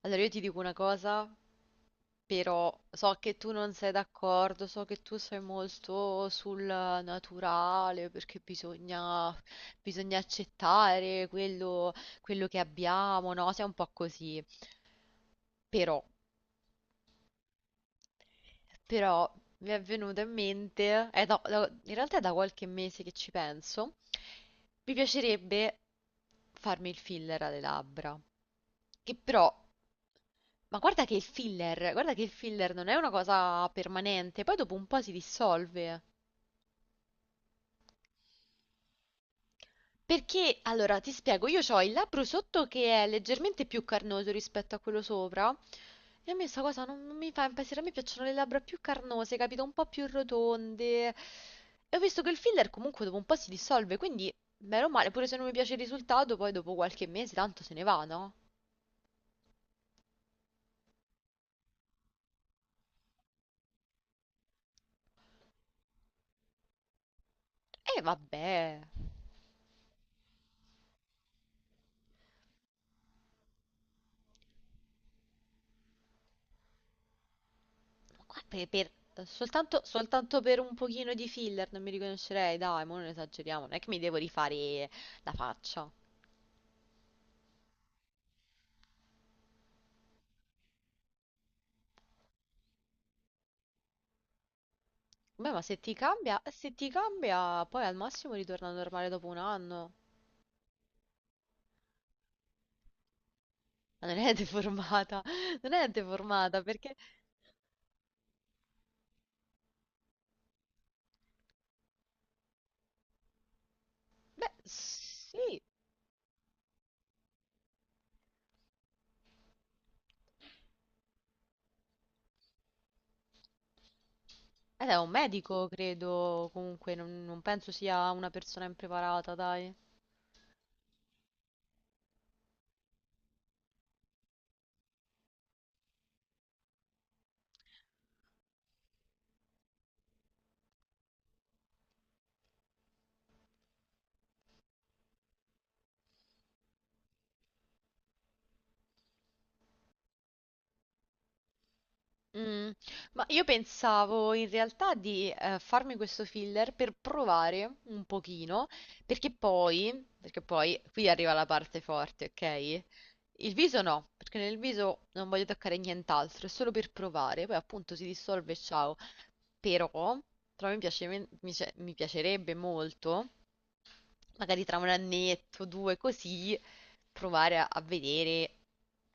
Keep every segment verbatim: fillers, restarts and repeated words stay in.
Allora, io ti dico una cosa, però so che tu non sei d'accordo, so che tu sei molto sul naturale, perché bisogna, bisogna accettare quello, quello che abbiamo, no? Sei un po' così. Però, però mi è venuto in mente, è da- da- in realtà è da qualche mese che ci penso, mi piacerebbe farmi il filler alle labbra, che però. Ma guarda che il filler, guarda che il filler non è una cosa permanente, poi dopo un po' si dissolve. Perché, allora, ti spiego, io ho il labbro sotto che è leggermente più carnoso rispetto a quello sopra, e a me sta cosa non, non mi fa impazzire, a me piacciono le labbra più carnose, capito? Un po' più rotonde. E ho visto che il filler comunque dopo un po' si dissolve, quindi, bene o male, pure se non mi piace il risultato, poi dopo qualche mese tanto se ne va, no? E vabbè. Qua per, per- eh, soltanto, soltanto per un pochino di filler non mi riconoscerei, dai, ma non esageriamo, non è che mi devo rifare la faccia. Beh, ma se ti cambia, se ti cambia, poi al massimo ritorna normale dopo un anno. Ma non è deformata, non è deformata perché, beh, sì, ed è un medico, credo, comunque, non, non penso sia una persona impreparata, dai. Mm, ma io pensavo in realtà di eh, farmi questo filler per provare un pochino, perché poi, perché poi qui arriva la parte forte, ok? Il viso no, perché nel viso non voglio toccare nient'altro, è solo per provare, poi appunto si dissolve e ciao. Però, però mi piace- mi- mi mi piacerebbe molto magari tra un annetto, due, così, provare a, a vedere,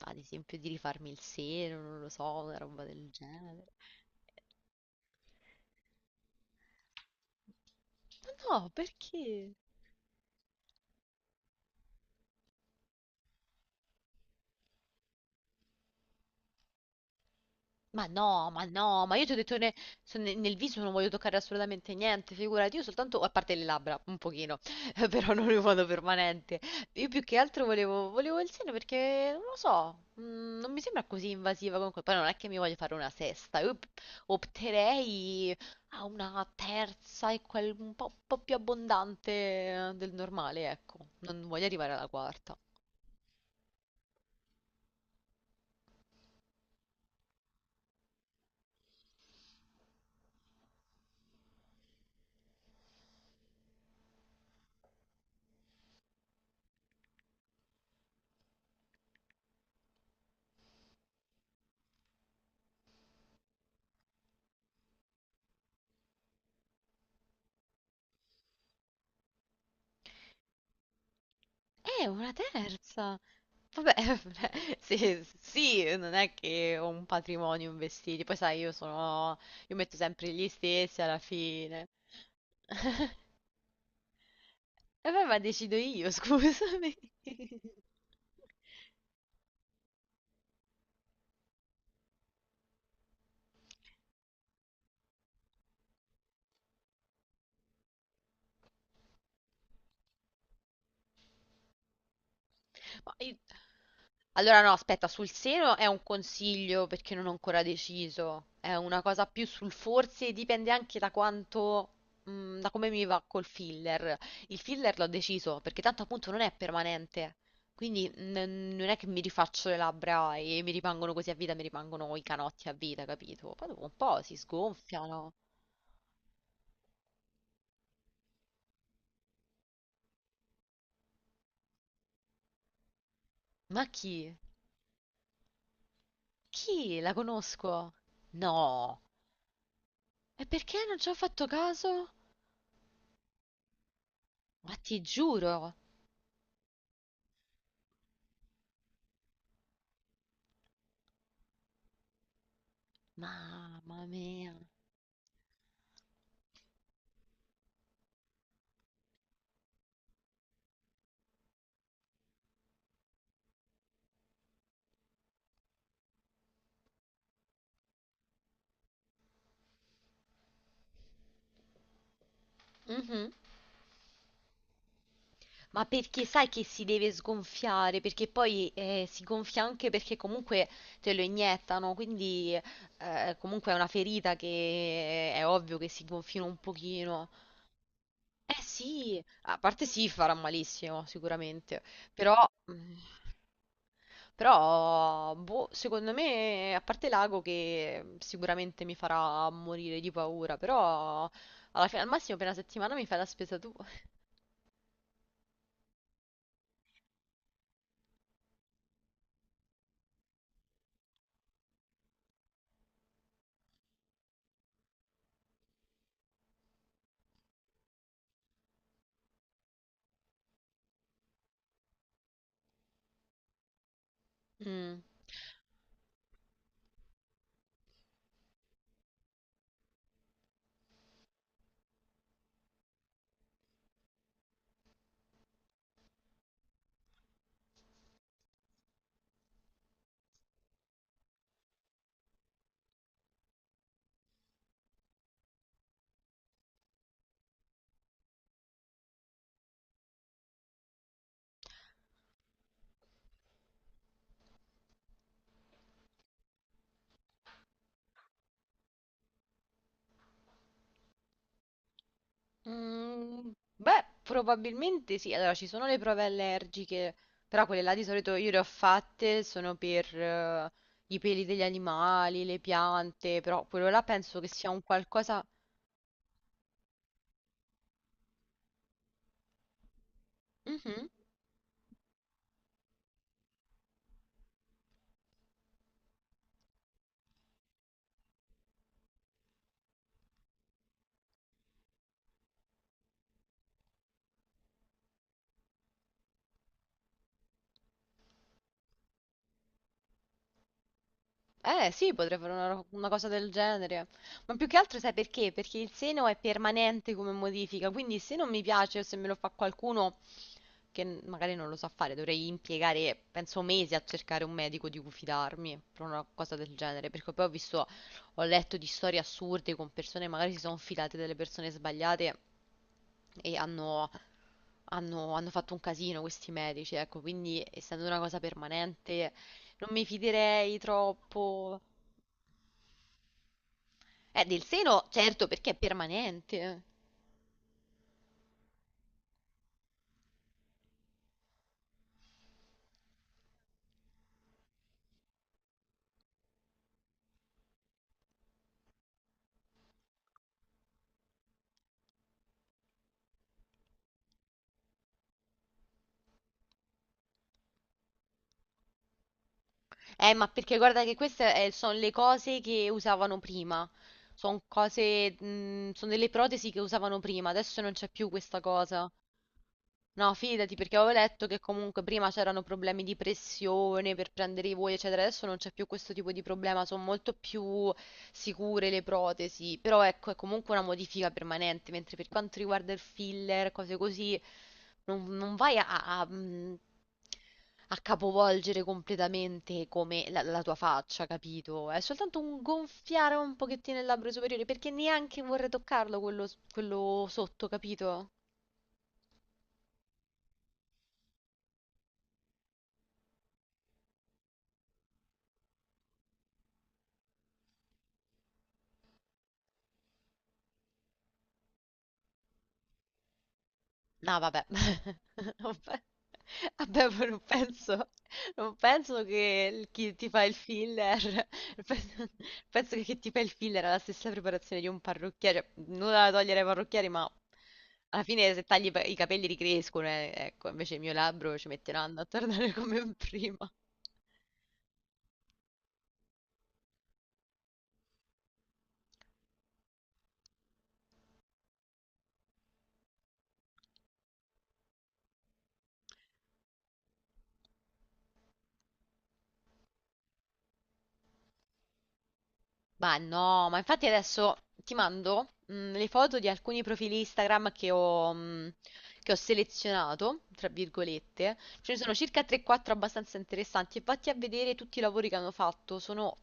ad esempio, di rifarmi il seno, non lo so, una roba del genere. No, perché? Ma no, ma no, ma io ti ho detto ne- se ne- nel viso non voglio toccare assolutamente niente, figurati, io soltanto, a parte le labbra, un pochino, però non in modo permanente. Io più che altro volevo, volevo il seno perché, non lo so, mm, non mi sembra così invasiva comunque, poi non è che mi voglio fare una sesta, io p- opterei a una terza e quel un po', un po' più abbondante del normale, ecco, non voglio arrivare alla quarta. Eh, una terza! Vabbè, sì, sì, non è che ho un patrimonio in vestiti, poi sai, io sono, io metto sempre gli stessi alla fine. E vabbè, ma decido io, scusami. Ma io- Allora no, aspetta, sul seno è un consiglio perché non ho ancora deciso. È una cosa più sul forse, dipende anche da quanto, mm, da come mi va col filler. Il filler l'ho deciso perché tanto appunto non è permanente. Quindi n- non è che mi rifaccio le labbra e mi rimangono così a vita, mi rimangono i canotti a vita, capito? Poi dopo un po' si sgonfiano. Ma chi? Chi? La conosco? No. E perché non ci ho fatto caso? Ma ti giuro. Mamma mia. Mhm. Ma perché sai che si deve sgonfiare? Perché poi eh, si gonfia anche perché comunque te lo iniettano, quindi eh, comunque è una ferita che è ovvio che si gonfino un pochino. Eh sì, a parte sì, farà malissimo sicuramente, però, mm, però boh, secondo me, a parte l'ago che sicuramente mi farà morire di paura, però alla fine, al massimo per una settimana mi fai la spesa tu. Mm. Mm, beh, probabilmente sì. Allora, ci sono le prove allergiche, però quelle là di solito io le ho fatte, sono per eh, i peli degli animali, le piante, però quello là penso che sia un qualcosa... Mhm. Eh sì, potrei fare una, ro- una cosa del genere. Ma più che altro sai perché? Perché il seno è permanente come modifica, quindi se non mi piace o se me lo fa qualcuno, che n- magari non lo so fare, dovrei impiegare, penso, mesi a cercare un medico di cui fidarmi per una cosa del genere, perché poi ho visto, ho letto di storie assurde con persone, magari si sono filate delle persone sbagliate e hanno, hanno- hanno fatto un casino questi medici, ecco, quindi essendo una cosa permanente non mi fiderei troppo. Eh, del seno, certo, perché è permanente. Eh, ma perché guarda che queste sono le cose che usavano prima. Sono cose, mm, sono delle protesi che usavano prima, adesso non c'è più questa cosa. No, fidati perché avevo letto che comunque prima c'erano problemi di pressione per prendere i voli, eccetera. Adesso non c'è più questo tipo di problema, sono molto più sicure le protesi. Però ecco, è comunque una modifica permanente, mentre per quanto riguarda il filler, cose così, non, non vai a, a- a, mh, a capovolgere completamente come la, la tua faccia, capito? È soltanto un gonfiare un pochettino il labbro superiore, perché neanche vorrei toccarlo quello, quello sotto, capito? No, vabbè. Non pe- Vabbè, ma non penso, non penso che il- chi ti fa il filler, penso, penso che chi ti fa il filler ha la stessa preparazione di un parrucchiere, cioè, nulla da togliere ai parrucchieri, ma alla fine se tagli i pe- i capelli ricrescono, eh, ecco, invece il mio labbro ci mette un anno a tornare come prima. Ma no, ma infatti adesso ti mando mm, le foto di alcuni profili Instagram che ho, mm, che ho selezionato, tra virgolette. Ce ne sono circa tre quattro abbastanza interessanti e vatti a vedere tutti i lavori che hanno fatto. Sono,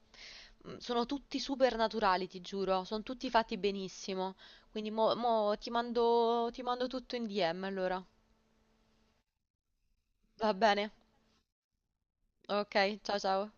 mm, sono tutti super naturali, ti giuro. Sono tutti fatti benissimo. Quindi mo, mo ti mando, ti mando tutto in D M allora. Va bene? Ok, ciao ciao.